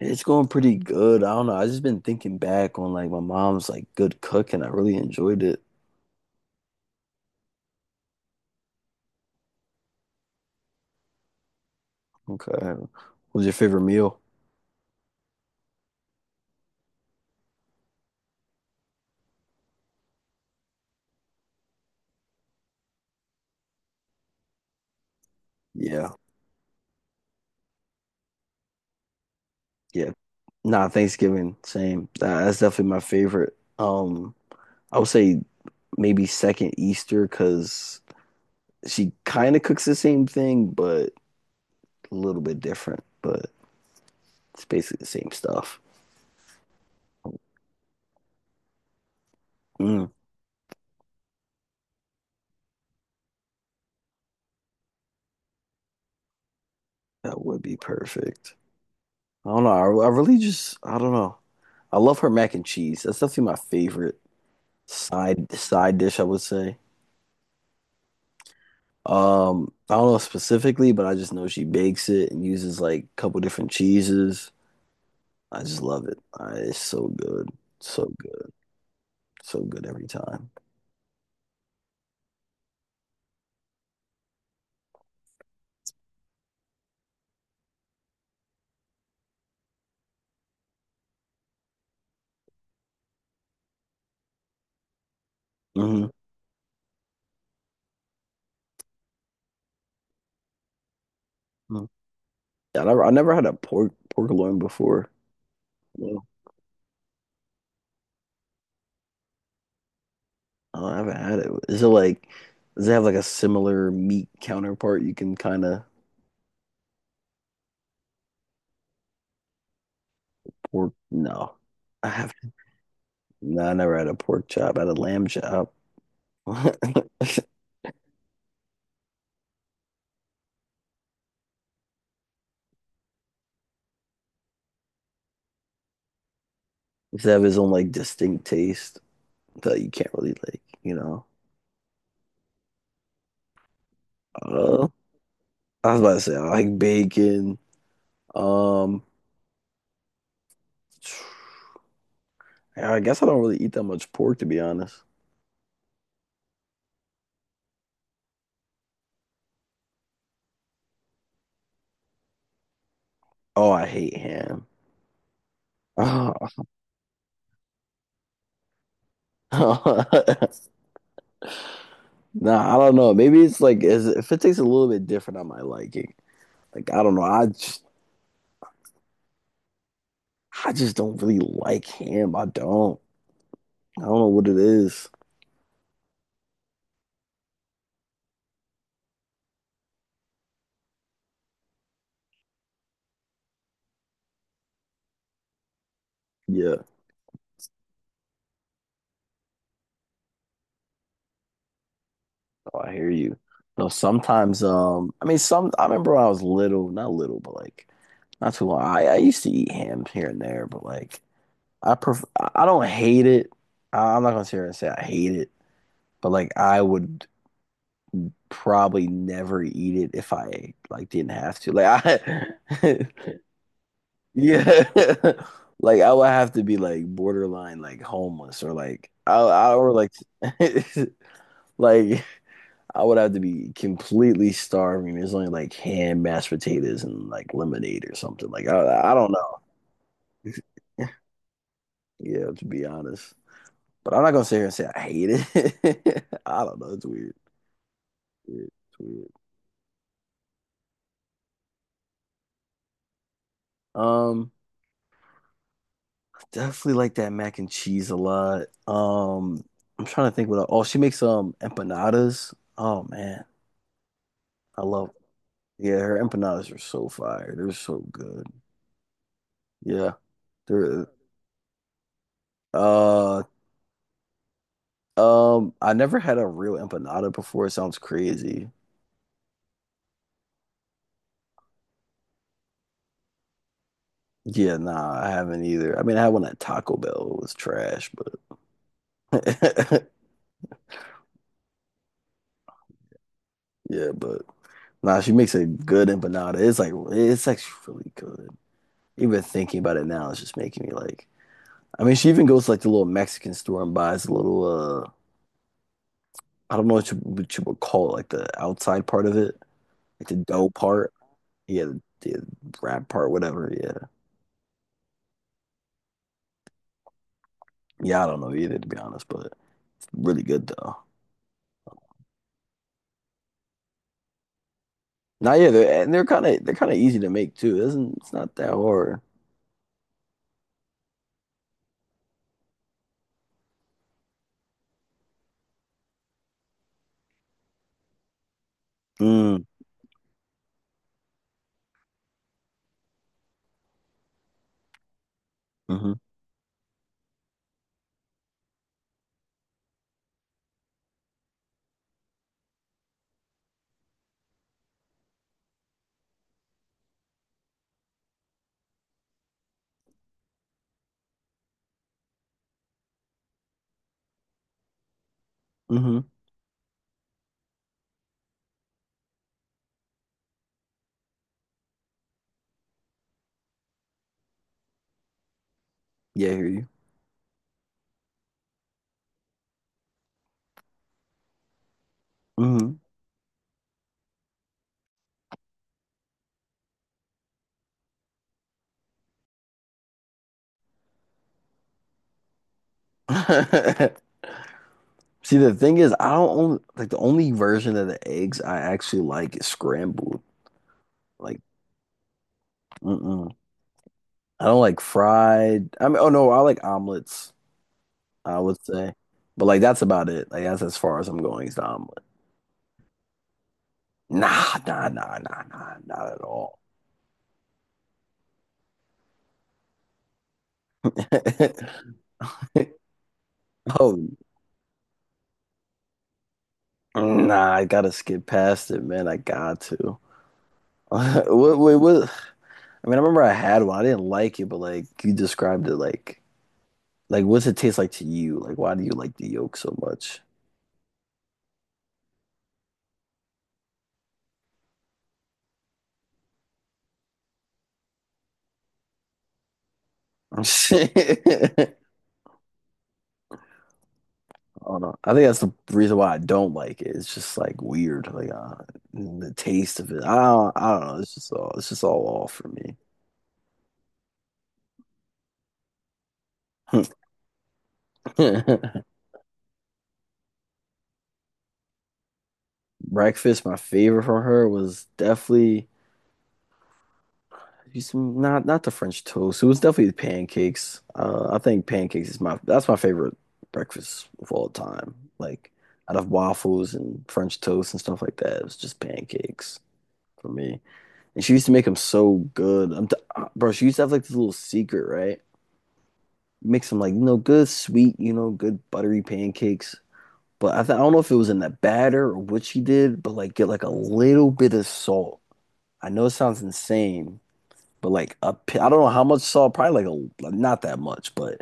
It's going pretty good. I don't know. I just been thinking back on like my mom's like good cook and I really enjoyed it. Okay. What was your favorite meal? Yeah. Yeah. Nah, Thanksgiving, same. Nah, that's definitely my favorite. I would say maybe second Easter because she kind of cooks the same thing, but a little bit different. But it's basically the same stuff. Mm, that would be perfect. I don't know. I really just, I don't know. I love her mac and cheese. That's definitely my favorite side dish, I would say. I don't know specifically, but I just know she bakes it and uses like a couple different cheeses. I just love it. I, it's so good, so good, so good every time. Hmm. Yeah, I never had a pork loin before. No, I haven't had it. Is it like, does it have like a similar meat counterpart you can kind of pork? No, I have. No, I never had a pork chop. I had a lamb chop. Does it have his own like distinct taste that you can't really like, you know. Uh, I was about to say I like bacon. Um, I guess I don't really eat that much pork to be honest. Oh, I hate ham. Nah, I don't know. Maybe it's like is if it tastes a little bit different on my liking. Like I don't know. I just don't really like ham. I don't. I don't know what it is. Yeah. Oh, I hear you. No, sometimes I mean some I remember when I was little, not little, but like not too long. I used to eat ham here and there, but like I pref I don't hate it. I, I'm not gonna sit here and say I hate it, but like I would probably never eat it if I like didn't have to. Like I, yeah, like I would have to be like borderline like homeless or like I or like like I would have to be completely starving. There's only like ham, mashed potatoes, and like lemonade or something. Like I don't know. Yeah, to be honest. But I'm not gonna sit here and say I hate it. I don't know. It's weird. It's weird. Um, Definitely like that mac and cheese a lot. I'm trying to think what. Oh, she makes empanadas. Oh man, I love. Yeah, her empanadas are so fire. They're so good. Yeah, they're. Uh, I never had a real empanada before. It sounds crazy. Yeah, nah, I haven't either. I mean, I had one at Taco Bell. It was trash, but yeah, but nah, she makes a good empanada. It's like it's actually really good. Even thinking about it now, it's just making me like. I mean, she even goes to like the little Mexican store and buys a little. I don't know what you would call it, like the outside part of it, like the dough part. Yeah, the wrap part, whatever. Yeah, yeah. I don't know either, to be honest, but it's really good though. Now, and they're they're kind of easy to make too. It's not that hard. Mm, mm-hmm, mm-hmm. Yeah, I hear you. Mm-hmm. See, the thing is, I don't own, like the only version of the eggs I actually like is scrambled. Like, mm-mm. I don't like fried. I mean, oh no, I like omelets, I would say. But like that's about it. Like that's as far as I'm going is the omelet. Nah, nah, nah, nah, nah, not at all. Oh, nah, I gotta skip past it, man. I got to. What, wait, what? I mean, I remember I had one. I didn't like it, but like you described it, like what's it taste like to you? Like, why do you like the yolk so much? Hold on. I think that's the reason why I don't like it. It's just like weird, like the taste of it. I don't know. It's just all off for me. Breakfast, my favorite from her was definitely it's not not the French toast. It was definitely the pancakes. I think pancakes is my that's my favorite breakfast of all time. Like out of waffles and French toast and stuff like that, it was just pancakes for me. And she used to make them so good. I'm t bro, she used to have like this little secret, right? Mix them like, you know, good sweet, you know, good buttery pancakes. But I don't know if it was in the batter or what she did, but like get like a little bit of salt. I know it sounds insane, but I don't know how much salt, probably like a not that much, but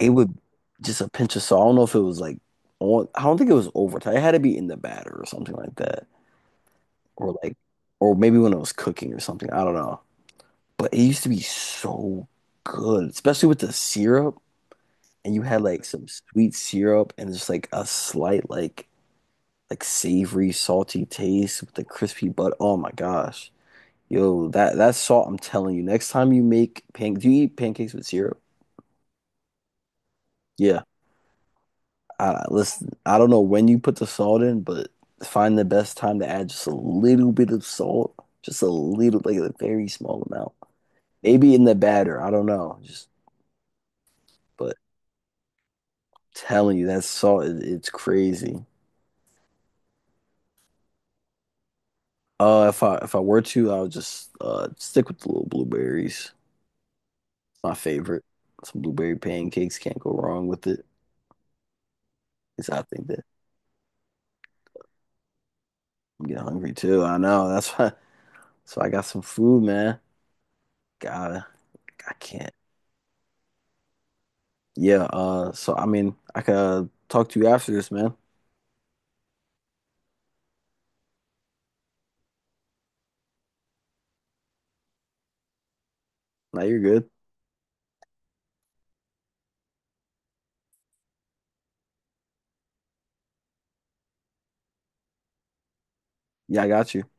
it would just a pinch of salt. I don't know if it was like on, I don't think it was overtime. It had to be in the batter or something like that, or like, or maybe when it was cooking or something. I don't know. But it used to be so good, especially with the syrup. And you had like some sweet syrup and just like a slight like savory, salty taste with the crispy butt. Oh my gosh. Yo, that salt, I'm telling you, next time you make pancakes, do you eat pancakes with syrup? Yeah. I listen, I don't know when you put the salt in, but find the best time to add just a little bit of salt. Just a little, like a very small amount. Maybe in the batter. I don't know. Just but telling you that salt is it's crazy. If I were to, I would just stick with the little blueberries. It's my favorite. Some blueberry pancakes can't go wrong with it. Cause I think that I'm getting hungry too. I know that's why. So I got some food, man. Gotta. I can't. Yeah. So I mean, I could talk to you after this, man. Now you're good. Yeah, I got you.